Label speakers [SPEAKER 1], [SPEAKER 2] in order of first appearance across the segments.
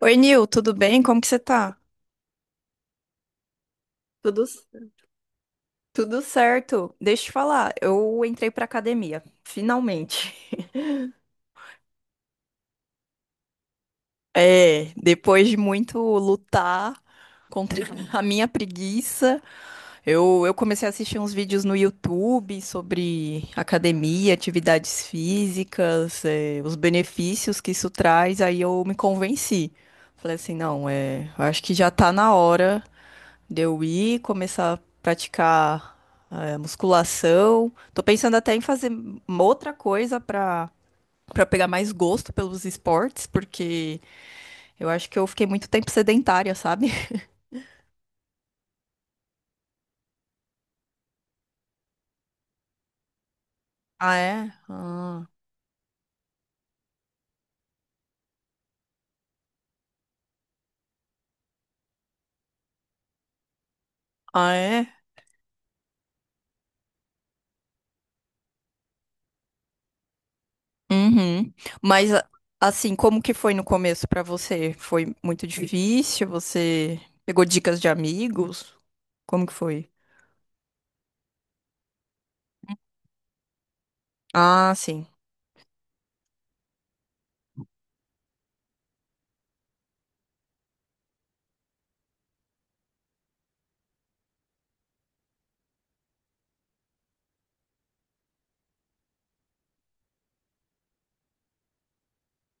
[SPEAKER 1] Oi, Nil, tudo bem? Como que você tá? Tudo, tudo certo. Deixa eu te falar, eu entrei pra academia, finalmente. É, depois de muito lutar contra a minha preguiça, eu comecei a assistir uns vídeos no YouTube sobre academia, atividades físicas, os benefícios que isso traz, aí eu me convenci. Falei assim, não, eu acho que já tá na hora de eu ir, começar a praticar musculação. Tô pensando até em fazer uma outra coisa pra para pegar mais gosto pelos esportes, porque eu acho que eu fiquei muito tempo sedentária, sabe? Ah, é? Ah, ah, é? Uhum. Mas a- assim, como que foi no começo pra você? Foi muito difícil? Você pegou dicas de amigos? Como que foi? Ah, sim.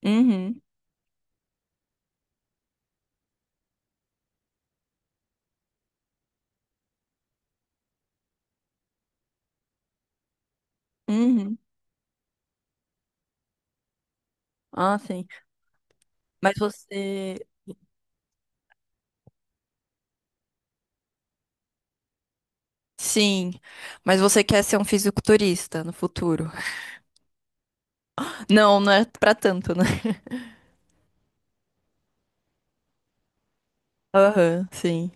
[SPEAKER 1] Uhum. Uhum. Ah, sim. Mas você... Sim, mas você quer ser um fisiculturista no futuro? Não, não é pra tanto, né? Aham, sim.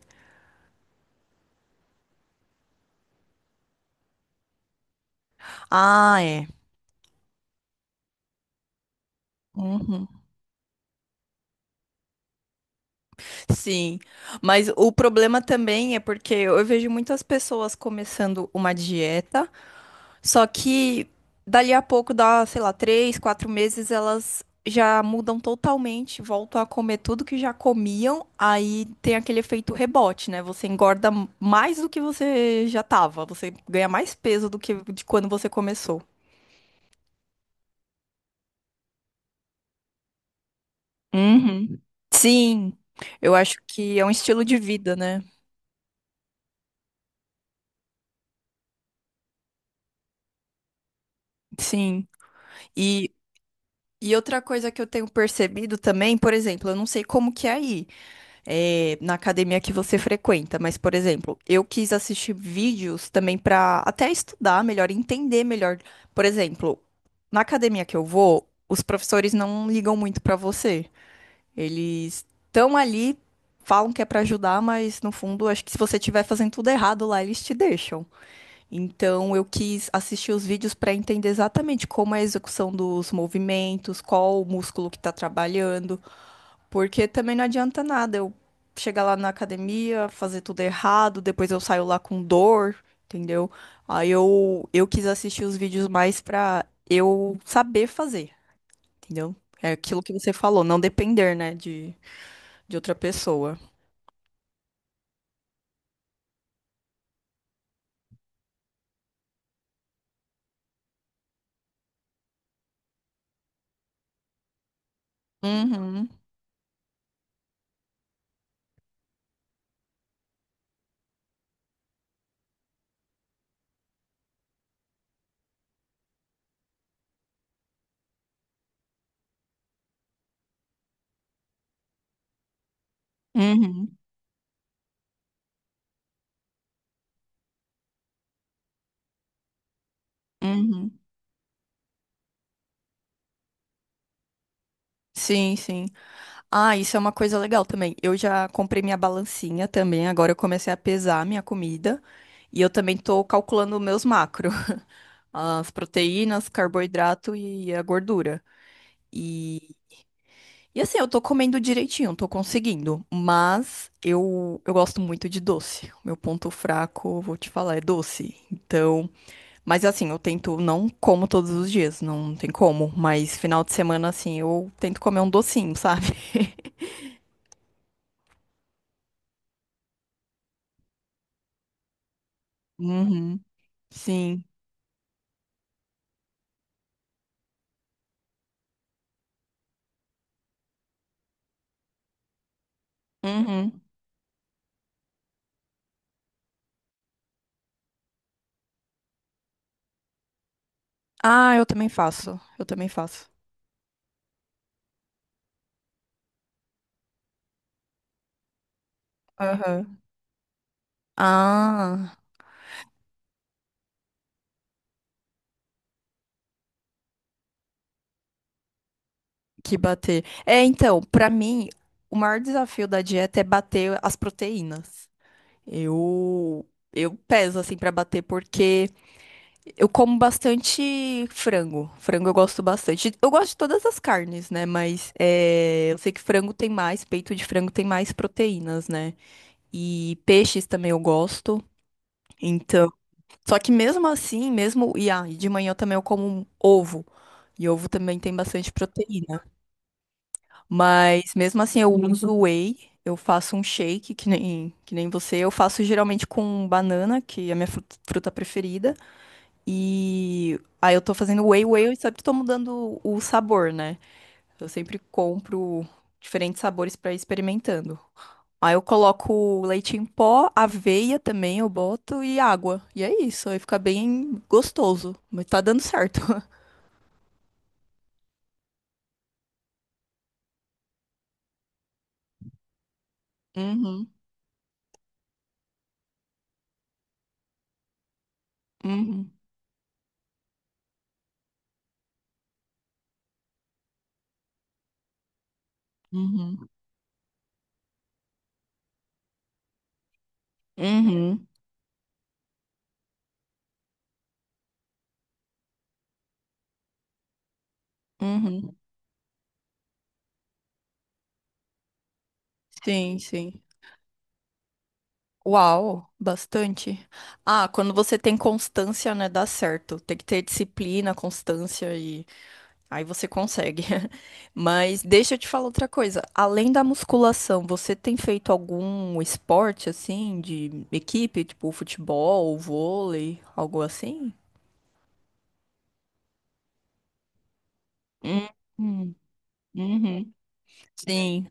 [SPEAKER 1] Ah, é. Uhum. Sim, mas o problema também é porque eu vejo muitas pessoas começando uma dieta. Só que dali a pouco, dá, sei lá, três, quatro meses, elas já mudam totalmente, voltam a comer tudo que já comiam, aí tem aquele efeito rebote, né? Você engorda mais do que você já tava, você ganha mais peso do que de quando você começou. Uhum. Sim, eu acho que é um estilo de vida, né? Sim. E, e outra coisa que eu tenho percebido também, por exemplo, eu não sei como que é aí, é, na academia que você frequenta, mas, por exemplo, eu quis assistir vídeos também para até estudar melhor, entender melhor. Por exemplo, na academia que eu vou, os professores não ligam muito para você. Eles estão ali, falam que é para ajudar, mas no fundo, acho que se você estiver fazendo tudo errado lá, eles te deixam. Então, eu quis assistir os vídeos para entender exatamente como é a execução dos movimentos, qual o músculo que está trabalhando. Porque também não adianta nada eu chegar lá na academia, fazer tudo errado, depois eu saio lá com dor, entendeu? Aí eu quis assistir os vídeos mais pra eu saber fazer, entendeu? É aquilo que você falou, não depender, né, de outra pessoa. Uhum, uhum, uhum. Sim, sim. Ah, isso é uma coisa legal também. Eu já comprei minha balancinha também, agora eu comecei a pesar minha comida e eu também tô calculando meus macros, as proteínas, carboidrato e a gordura. E, e assim, eu tô comendo direitinho, tô conseguindo, mas eu gosto muito de doce. O meu ponto fraco, vou te falar, é doce. Então, mas assim, eu tento, não como todos os dias, não tem como, mas final de semana, assim, eu tento comer um docinho, sabe? Uhum, sim. Uhum. Ah, eu também faço. Eu também faço. Aham. Ah, que bater. É, então, pra mim, o maior desafio da dieta é bater as proteínas. Eu eu peso assim pra bater porque eu como bastante frango. Frango eu gosto bastante. Eu gosto de todas as carnes, né? Mas é, eu sei que frango tem mais, peito de frango tem mais proteínas, né? E peixes também eu gosto. Então, só que mesmo assim, mesmo. E ah, e de manhã também eu como um ovo. E ovo também tem bastante proteína. Mas mesmo assim, eu uso whey. Eu faço um shake, que nem você. Eu faço geralmente com banana, que é a minha fruta preferida. E aí eu tô fazendo whey, eu sempre tô mudando o sabor, né? Eu sempre compro diferentes sabores pra ir experimentando. Aí eu coloco leite em pó, aveia também eu boto e água. E é isso, aí fica bem gostoso. Mas tá dando certo. Uhum, uhum, uhum, uhum, uhum. Sim, sim. Uau, bastante. Ah, quando você tem constância, né, dá certo. Tem que ter disciplina, constância e... Aí você consegue. Mas deixa eu te falar outra coisa. Além da musculação, você tem feito algum esporte assim de equipe, tipo futebol, vôlei, algo assim? Hum, hum, Uhum. Sim.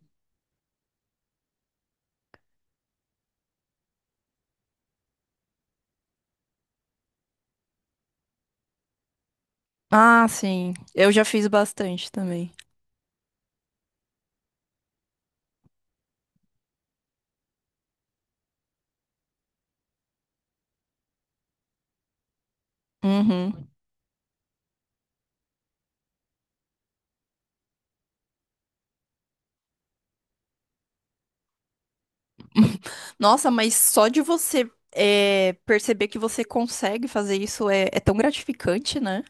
[SPEAKER 1] Ah, sim. Eu já fiz bastante também. Uhum. Nossa, mas só de você perceber que você consegue fazer isso é tão gratificante, né?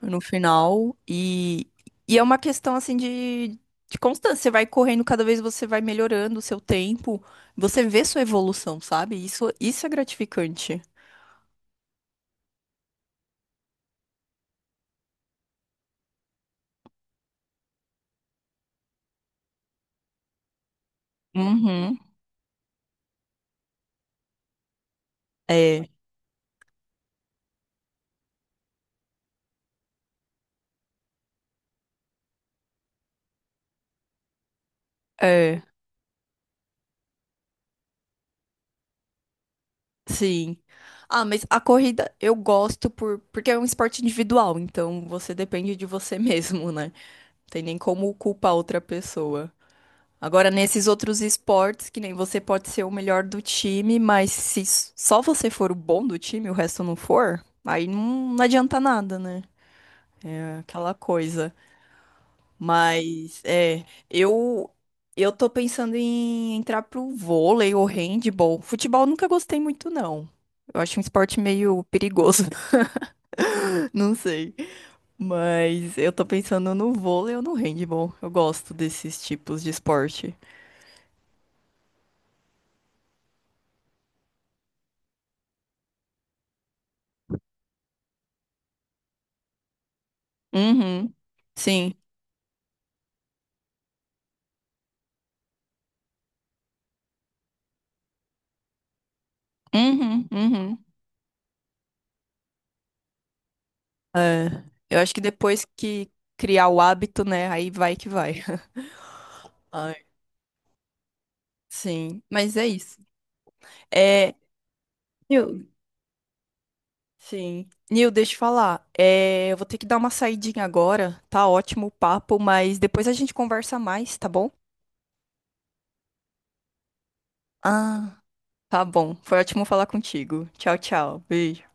[SPEAKER 1] No final. E é uma questão assim de constância. Você vai correndo, cada vez você vai melhorando o seu tempo. Você vê sua evolução, sabe? Isso é gratificante. Uhum. É, é, sim. Ah, mas a corrida eu gosto por, porque é um esporte individual, então você depende de você mesmo, né? Tem nem como culpar outra pessoa. Agora, nesses outros esportes, que nem você pode ser o melhor do time, mas se só você for o bom do time e o resto não for, aí não, não adianta nada, né? É aquela coisa. Mas, é, eu tô pensando em entrar pro vôlei ou handball. Futebol eu nunca gostei muito, não. Eu acho um esporte meio perigoso, não sei. Mas eu tô pensando no vôlei ou no handball. Eu gosto desses tipos de esporte. Uhum. Sim. Uhum, uhum. É, eu acho que depois que criar o hábito, né, aí vai que vai. Ai, sim, mas é isso. É, Nil, sim. Nil, deixa eu falar. É, eu vou ter que dar uma saidinha agora. Tá ótimo o papo, mas depois a gente conversa mais, tá bom? Ah, tá bom. Foi ótimo falar contigo. Tchau, tchau. Beijo.